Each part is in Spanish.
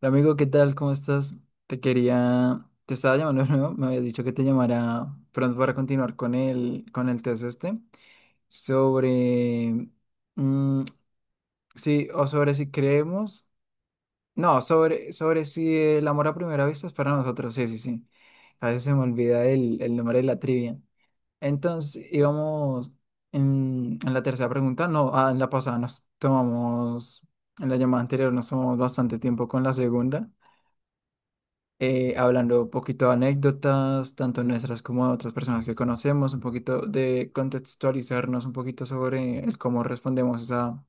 Hola, Amigo, ¿qué tal? ¿Cómo estás? Te estaba llamando de nuevo, me habías dicho que te llamara pronto para continuar con el test este, sobre, mm, sí, o sobre si creemos, no, sobre si el amor a primera vista es para nosotros, sí, sí, sí, a veces se me olvida el nombre de la trivia. Entonces, íbamos en la tercera pregunta, no, en la pasada nos tomamos, en la llamada anterior nos tomamos bastante tiempo con la segunda. Hablando un poquito de anécdotas, tanto nuestras como de otras personas que conocemos, un poquito de contextualizarnos un poquito sobre el cómo respondemos a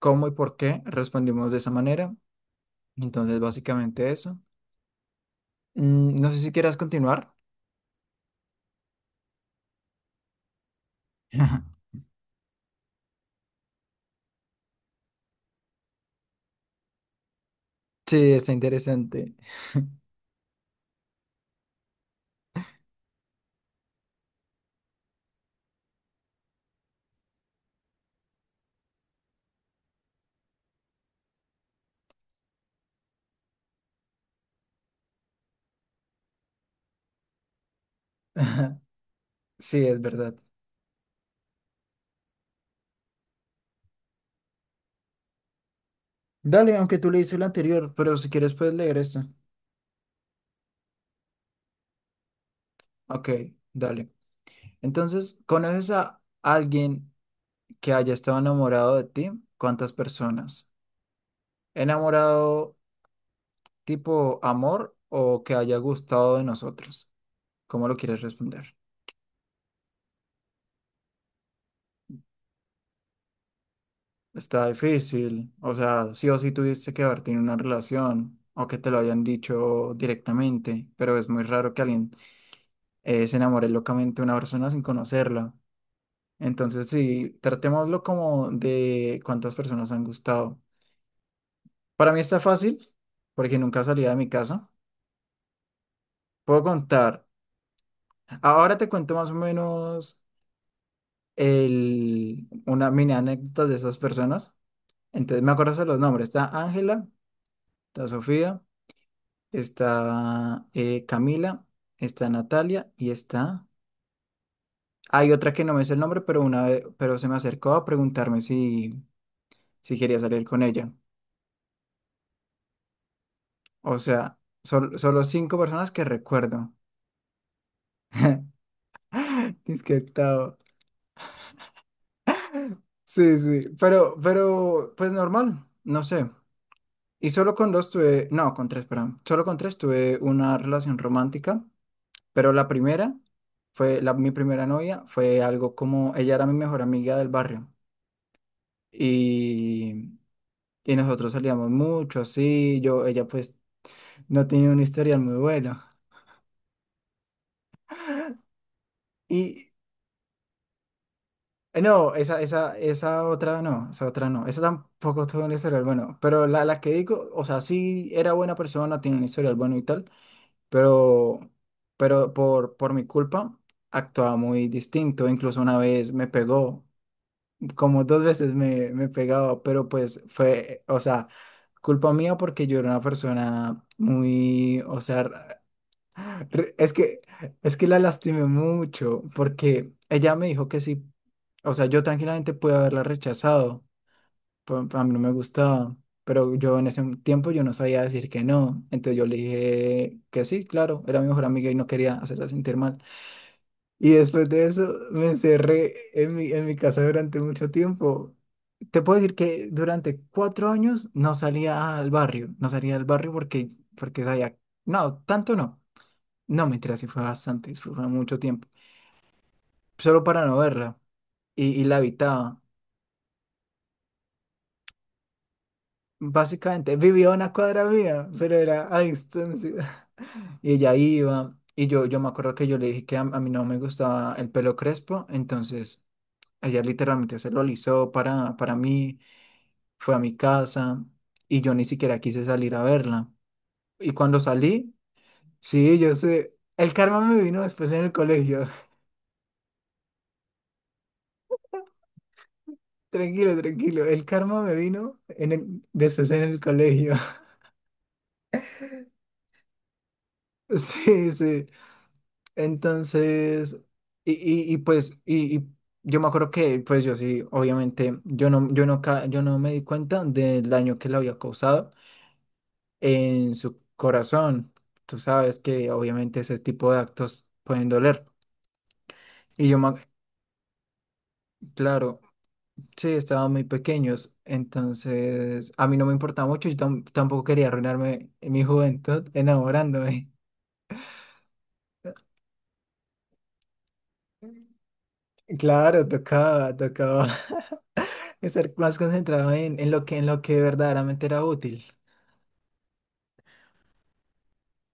cómo y por qué respondimos de esa manera. Entonces, básicamente eso. No sé si quieras continuar. Sí, está interesante. Sí, es verdad. Dale, aunque tú leíste el anterior, pero si quieres puedes leer esta. Ok, dale. Entonces, ¿conoces a alguien que haya estado enamorado de ti? ¿Cuántas personas? ¿Enamorado tipo amor o que haya gustado de nosotros? ¿Cómo lo quieres responder? Está difícil, o sea, sí o sí tuviste que haber tenido una relación o que te lo hayan dicho directamente, pero es muy raro que alguien se enamore locamente de una persona sin conocerla. Entonces, sí, tratémoslo como de cuántas personas han gustado. Para mí está fácil porque nunca salía de mi casa. Puedo contar. Ahora te cuento más o menos. El, una mini anécdota de esas personas. Entonces me acuerdo de los nombres. Está Ángela, está Sofía, está Camila, está Natalia y está... Hay otra que no me sé el nombre, pero una vez, pero se me acercó a preguntarme si, si quería salir con ella. O sea, solo 5 personas que recuerdo. Disque octavo. Sí, sí, pero, pues normal, no sé. Y solo con dos tuve, no, con tres, perdón. Solo con tres tuve una relación romántica. Pero la primera fue, la, mi primera novia fue algo como, ella era mi mejor amiga del barrio y, y nosotros salíamos mucho, así, yo, ella pues no tenía un historial muy bueno. Y no, esa otra no, esa otra no, esa tampoco tuvo un historial bueno, pero la que digo, o sea, sí era buena persona, tiene un historial bueno y tal, pero, pero por mi culpa actuaba muy distinto, incluso una vez me pegó. Como dos veces me, me pegaba, pero pues fue, o sea, culpa mía porque yo era una persona muy, o sea, r- es que, es que la lastimé mucho porque ella me dijo que sí, o sea, yo tranquilamente pude haberla rechazado, a mí no me gustaba, pero yo en ese tiempo yo no sabía decir que no, entonces yo le dije que sí, claro, era mi mejor amiga y no quería hacerla sentir mal. Y después de eso me encerré en mi casa durante mucho tiempo. Te puedo decir que durante 4 años no salía al barrio, no salía al barrio porque, porque sabía, no, tanto no, no, mentira, sí fue bastante, fue mucho tiempo, solo para no verla y la habitaba. Básicamente vivía a una cuadra mía, pero era a distancia. Y ella iba, y yo me acuerdo que yo le dije que a mí no me gustaba el pelo crespo, entonces ella literalmente se lo alisó para mí fue a mi casa y yo ni siquiera quise salir a verla. Y cuando salí, sí, yo sé, el karma me vino después en el colegio. Tranquilo, tranquilo, el karma me vino en después en el colegio. Sí, sí. Entonces, y pues, y yo me acuerdo que, pues yo sí, obviamente, yo no, yo no, yo no me di cuenta del daño que le había causado en su corazón. Tú sabes que obviamente ese tipo de actos pueden doler. Y yo, claro, sí, estaban muy pequeños, entonces a mí no me importaba mucho, yo tampoco quería arruinarme mi juventud enamorándome. Claro, tocaba, tocaba estar más concentrado en lo que verdaderamente era útil.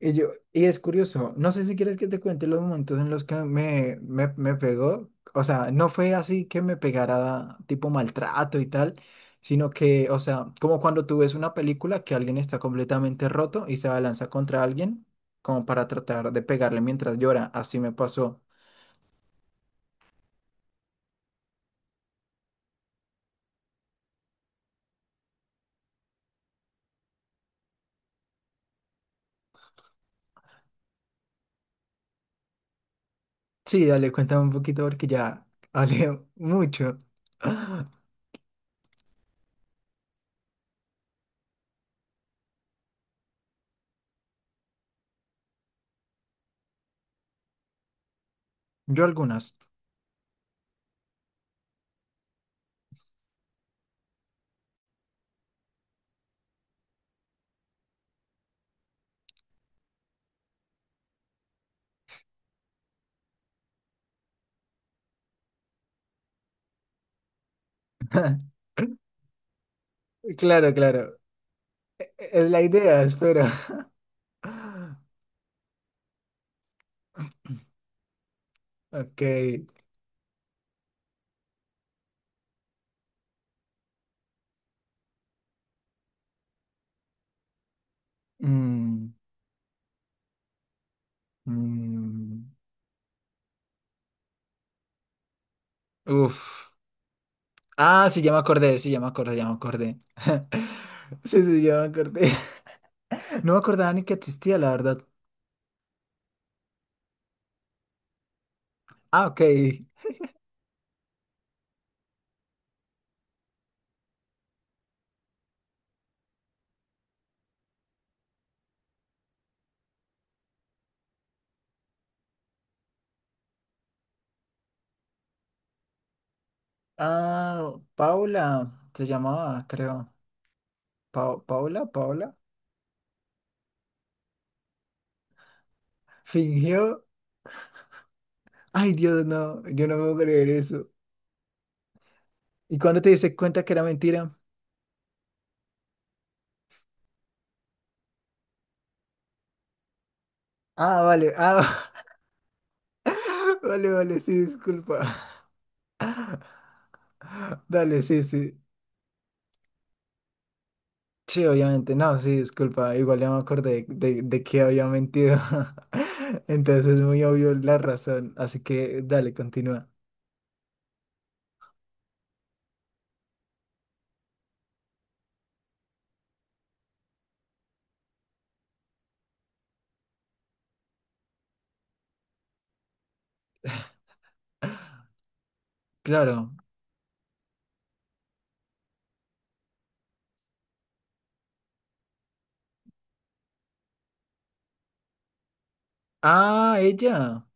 Y yo, y es curioso, no sé si quieres que te cuente los momentos en los que me pegó. O sea, no fue así que me pegara tipo maltrato y tal, sino que, o sea, como cuando tú ves una película que alguien está completamente roto y se abalanza contra alguien, como para tratar de pegarle mientras llora. Así me pasó. Sí, dale, cuéntame un poquito porque ya hablé mucho. Yo algunas. Claro, claro. Es la idea, espero. Ok. mm, Mm, uf. Ah, sí, ya me acordé, sí, ya me acordé, ya me acordé. Sí, sí, ya me acordé. No me acordaba ni que existía, la verdad. Ah, ok. Ah, Paula, se llamaba, creo. Paula, Paula. Fingió. Ay, Dios, no, yo no me puedo creer eso. ¿Y cuándo te diste cuenta que era mentira? Ah, vale, vale, vale, sí, disculpa. Dale, sí, sí. Sí, obviamente, no, sí, disculpa, igual ya me acordé de que había mentido. Entonces es muy obvio la razón, así que dale, continúa. Claro. Ah, ella.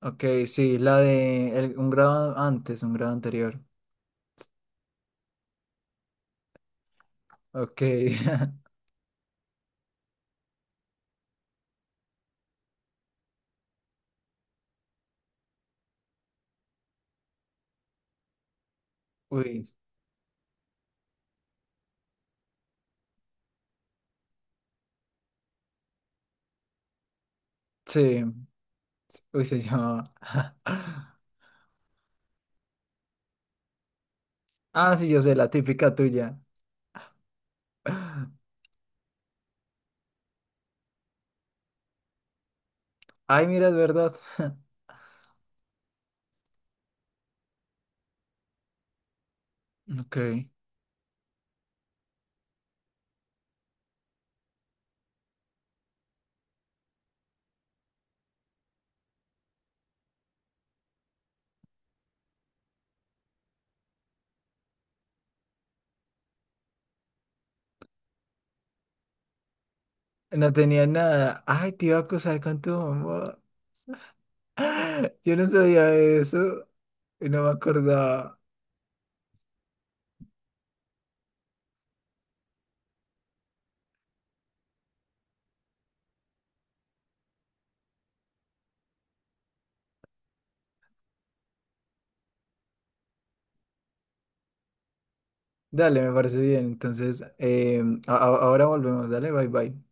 Ok, sí, la de un grado antes, un grado anterior. Ok. Uy, sí, uy, se llamaba. Ah, sí, yo sé, la típica tuya. Ay, mira, es verdad. Ok. No tenía nada. Ay, te iba a acusar con tu mamá. Yo no sabía eso, no me acordaba. Dale, me parece bien. Entonces, ahora volvemos. Dale, bye bye.